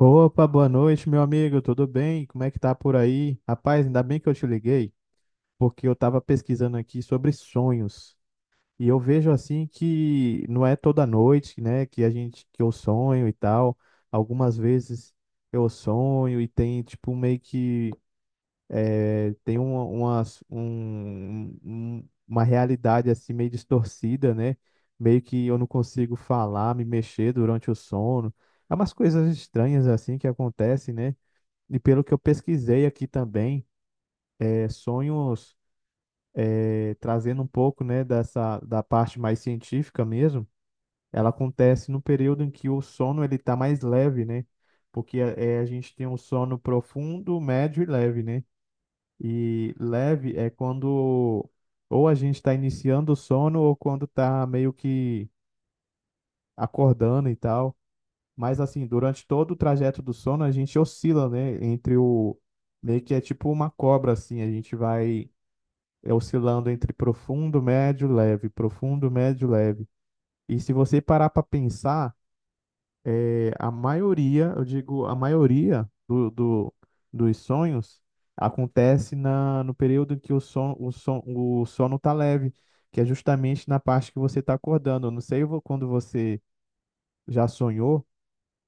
Opa, boa noite, meu amigo, tudo bem? Como é que tá por aí? Rapaz, ainda bem que eu te liguei, porque eu tava pesquisando aqui sobre sonhos. E eu vejo assim que não é toda noite, né, que a gente que eu sonho e tal. Algumas vezes eu sonho e tem tipo meio que tem uma uma realidade assim meio distorcida, né? Meio que eu não consigo falar, me mexer durante o sono. É umas coisas estranhas assim que acontecem, né? E pelo que eu pesquisei aqui também, é, sonhos é, trazendo um pouco, né, dessa da parte mais científica mesmo, ela acontece no período em que o sono ele está mais leve, né? Porque a gente tem um sono profundo, médio e leve, né? E leve é quando ou a gente está iniciando o sono ou quando está meio que acordando e tal. Mas assim, durante todo o trajeto do sono, a gente oscila, né? Entre o. Meio que é tipo uma cobra, assim. A gente vai oscilando entre profundo, médio, leve, profundo, médio, leve. E se você parar para pensar, é, a maioria, eu digo, a maioria dos sonhos acontece na, no período em que o sono tá leve, que é justamente na parte que você tá acordando. Eu não sei quando você já sonhou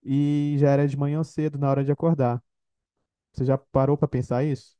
e já era de manhã cedo, na hora de acordar. Você já parou pra pensar isso?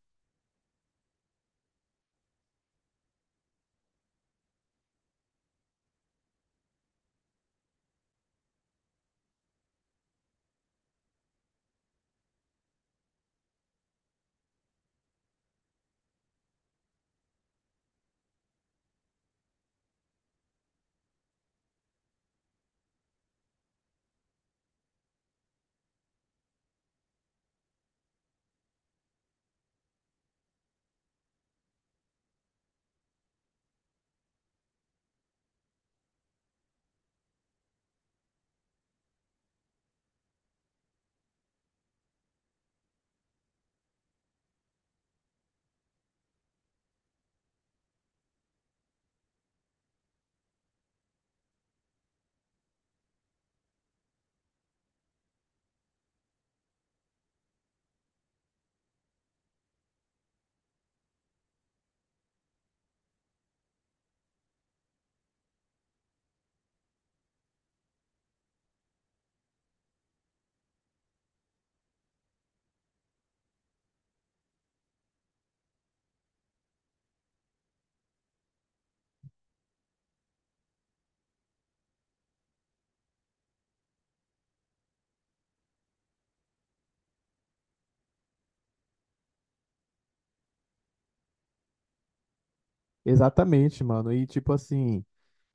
Exatamente, mano. E tipo assim,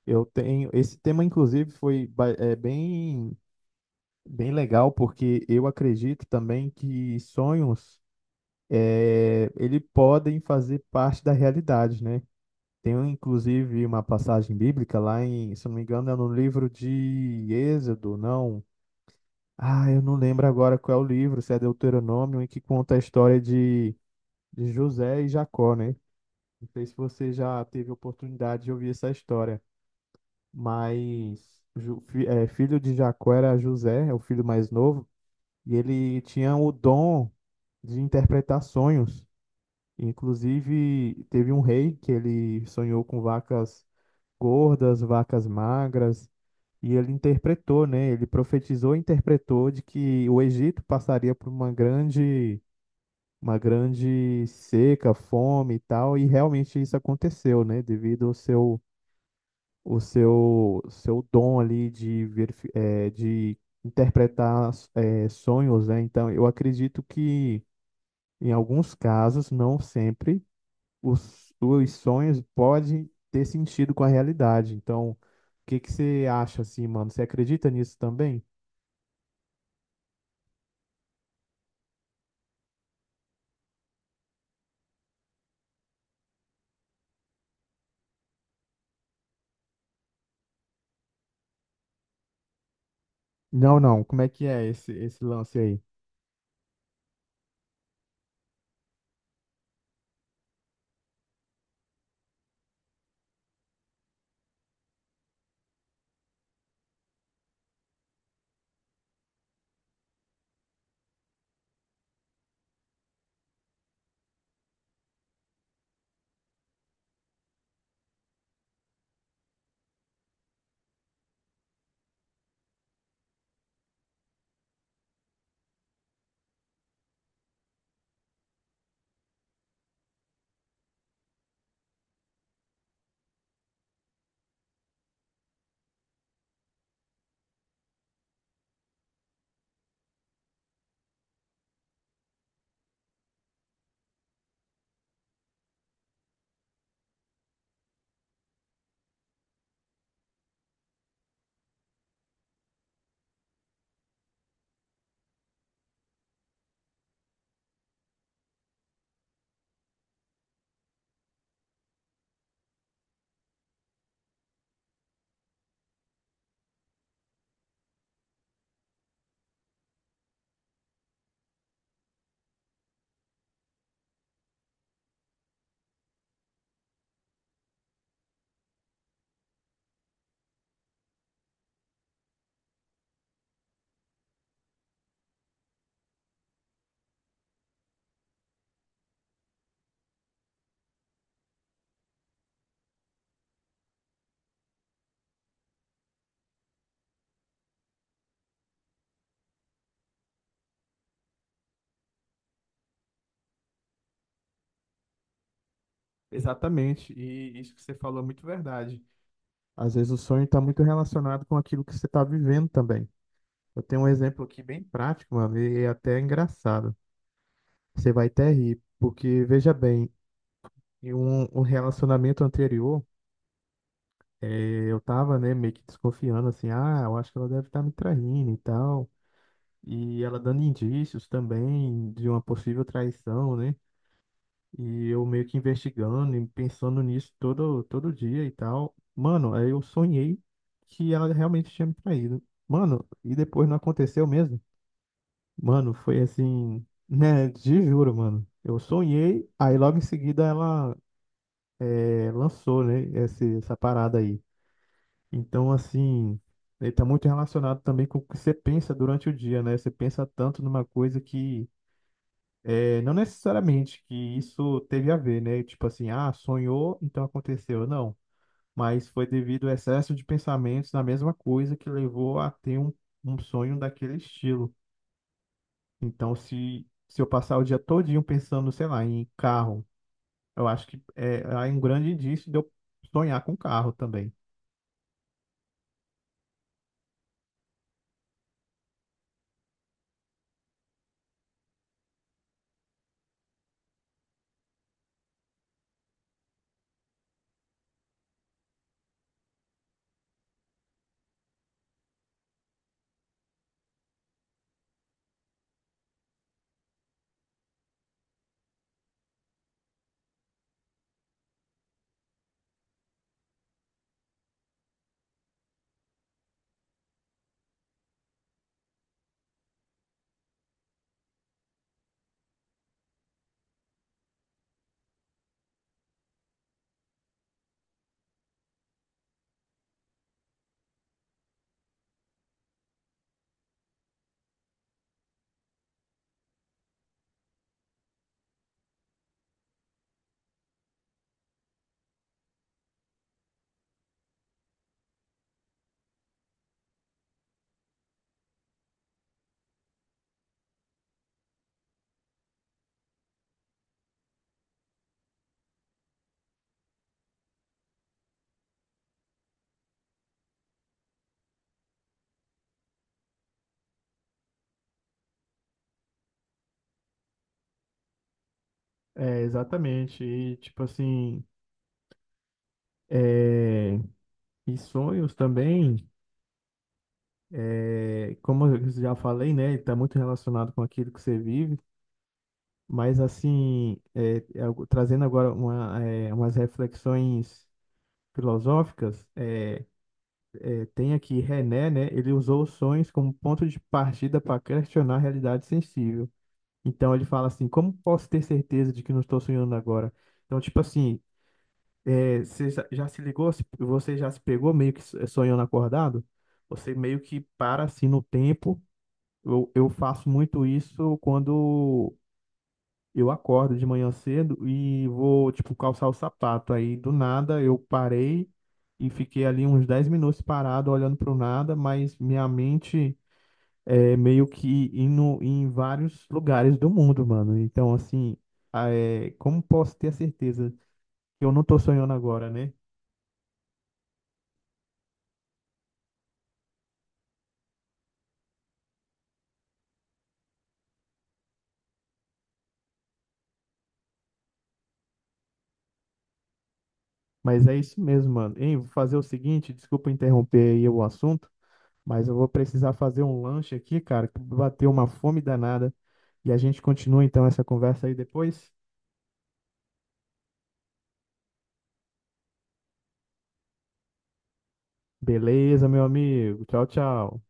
eu tenho. Esse tema, inclusive, foi bem, bem legal, porque eu acredito também que sonhos é, ele podem fazer parte da realidade, né? Tem, inclusive, uma passagem bíblica lá em, se eu não me engano, é no livro de Êxodo, não. Ah, eu não lembro agora qual é o livro, se é Deuteronômio, em que conta a história de José e Jacó, né? Não sei se você já teve oportunidade de ouvir essa história, mas filho de Jacó era José, é o filho mais novo, e ele tinha o dom de interpretar sonhos. Inclusive, teve um rei que ele sonhou com vacas gordas, vacas magras, e ele interpretou, né? Ele profetizou e interpretou de que o Egito passaria por uma grande seca, fome e tal, e realmente isso aconteceu, né? Devido ao seu dom ali de ver, de interpretar sonhos, né? Então, eu acredito que em alguns casos, não sempre, os sonhos podem ter sentido com a realidade. Então, o que que você acha assim, mano? Você acredita nisso também? Não, não. Como é que é esse lance aí? Exatamente, e isso que você falou é muito verdade. Às vezes o sonho está muito relacionado com aquilo que você está vivendo também. Eu tenho um exemplo aqui bem prático, mano, e é até engraçado. Você vai até rir, porque veja bem, em um relacionamento anterior, eu tava, né, meio que desconfiando, assim, ah, eu acho que ela deve estar me traindo e tal. E ela dando indícios também de uma possível traição, né? E eu meio que investigando e pensando nisso todo dia e tal. Mano, aí eu sonhei que ela realmente tinha me traído. Mano, e depois não aconteceu mesmo? Mano, foi assim, né? Te juro, mano. Eu sonhei, aí logo em seguida ela lançou, né? Essa parada aí. Então, assim, ele tá muito relacionado também com o que você pensa durante o dia, né? Você pensa tanto numa coisa que. É, não necessariamente que isso teve a ver, né? Tipo assim, ah, sonhou, então aconteceu. Não. Mas foi devido ao excesso de pensamentos na mesma coisa que levou a ter um sonho daquele estilo. Então, se eu passar o dia todinho pensando, sei lá, em carro, eu acho que é um grande indício de eu sonhar com carro também. É, exatamente. E, tipo assim, é... e sonhos também. É, como eu já falei, né, está muito relacionado com aquilo que você vive, mas assim, algo... trazendo agora uma, é, umas reflexões filosóficas, tem aqui René, né, ele usou os sonhos como ponto de partida para questionar a realidade sensível. Então ele fala assim, como posso ter certeza de que não estou sonhando agora? Então, tipo assim, é, você já se ligou, você já se pegou meio que sonhando acordado? Você meio que para assim no tempo. Eu faço muito isso quando eu acordo de manhã cedo e vou, tipo, calçar o sapato. Aí, do nada, eu parei e fiquei ali uns 10 minutos parado, olhando para o nada, mas minha mente é meio que indo em vários lugares do mundo, mano. Então, assim, ah, é, como posso ter a certeza que eu não tô sonhando agora, né? Mas é isso mesmo, mano. Hein, vou fazer o seguinte, desculpa interromper aí o assunto. Mas eu vou precisar fazer um lanche aqui, cara, que bateu uma fome danada. E a gente continua então essa conversa aí depois? Beleza, meu amigo. Tchau, tchau.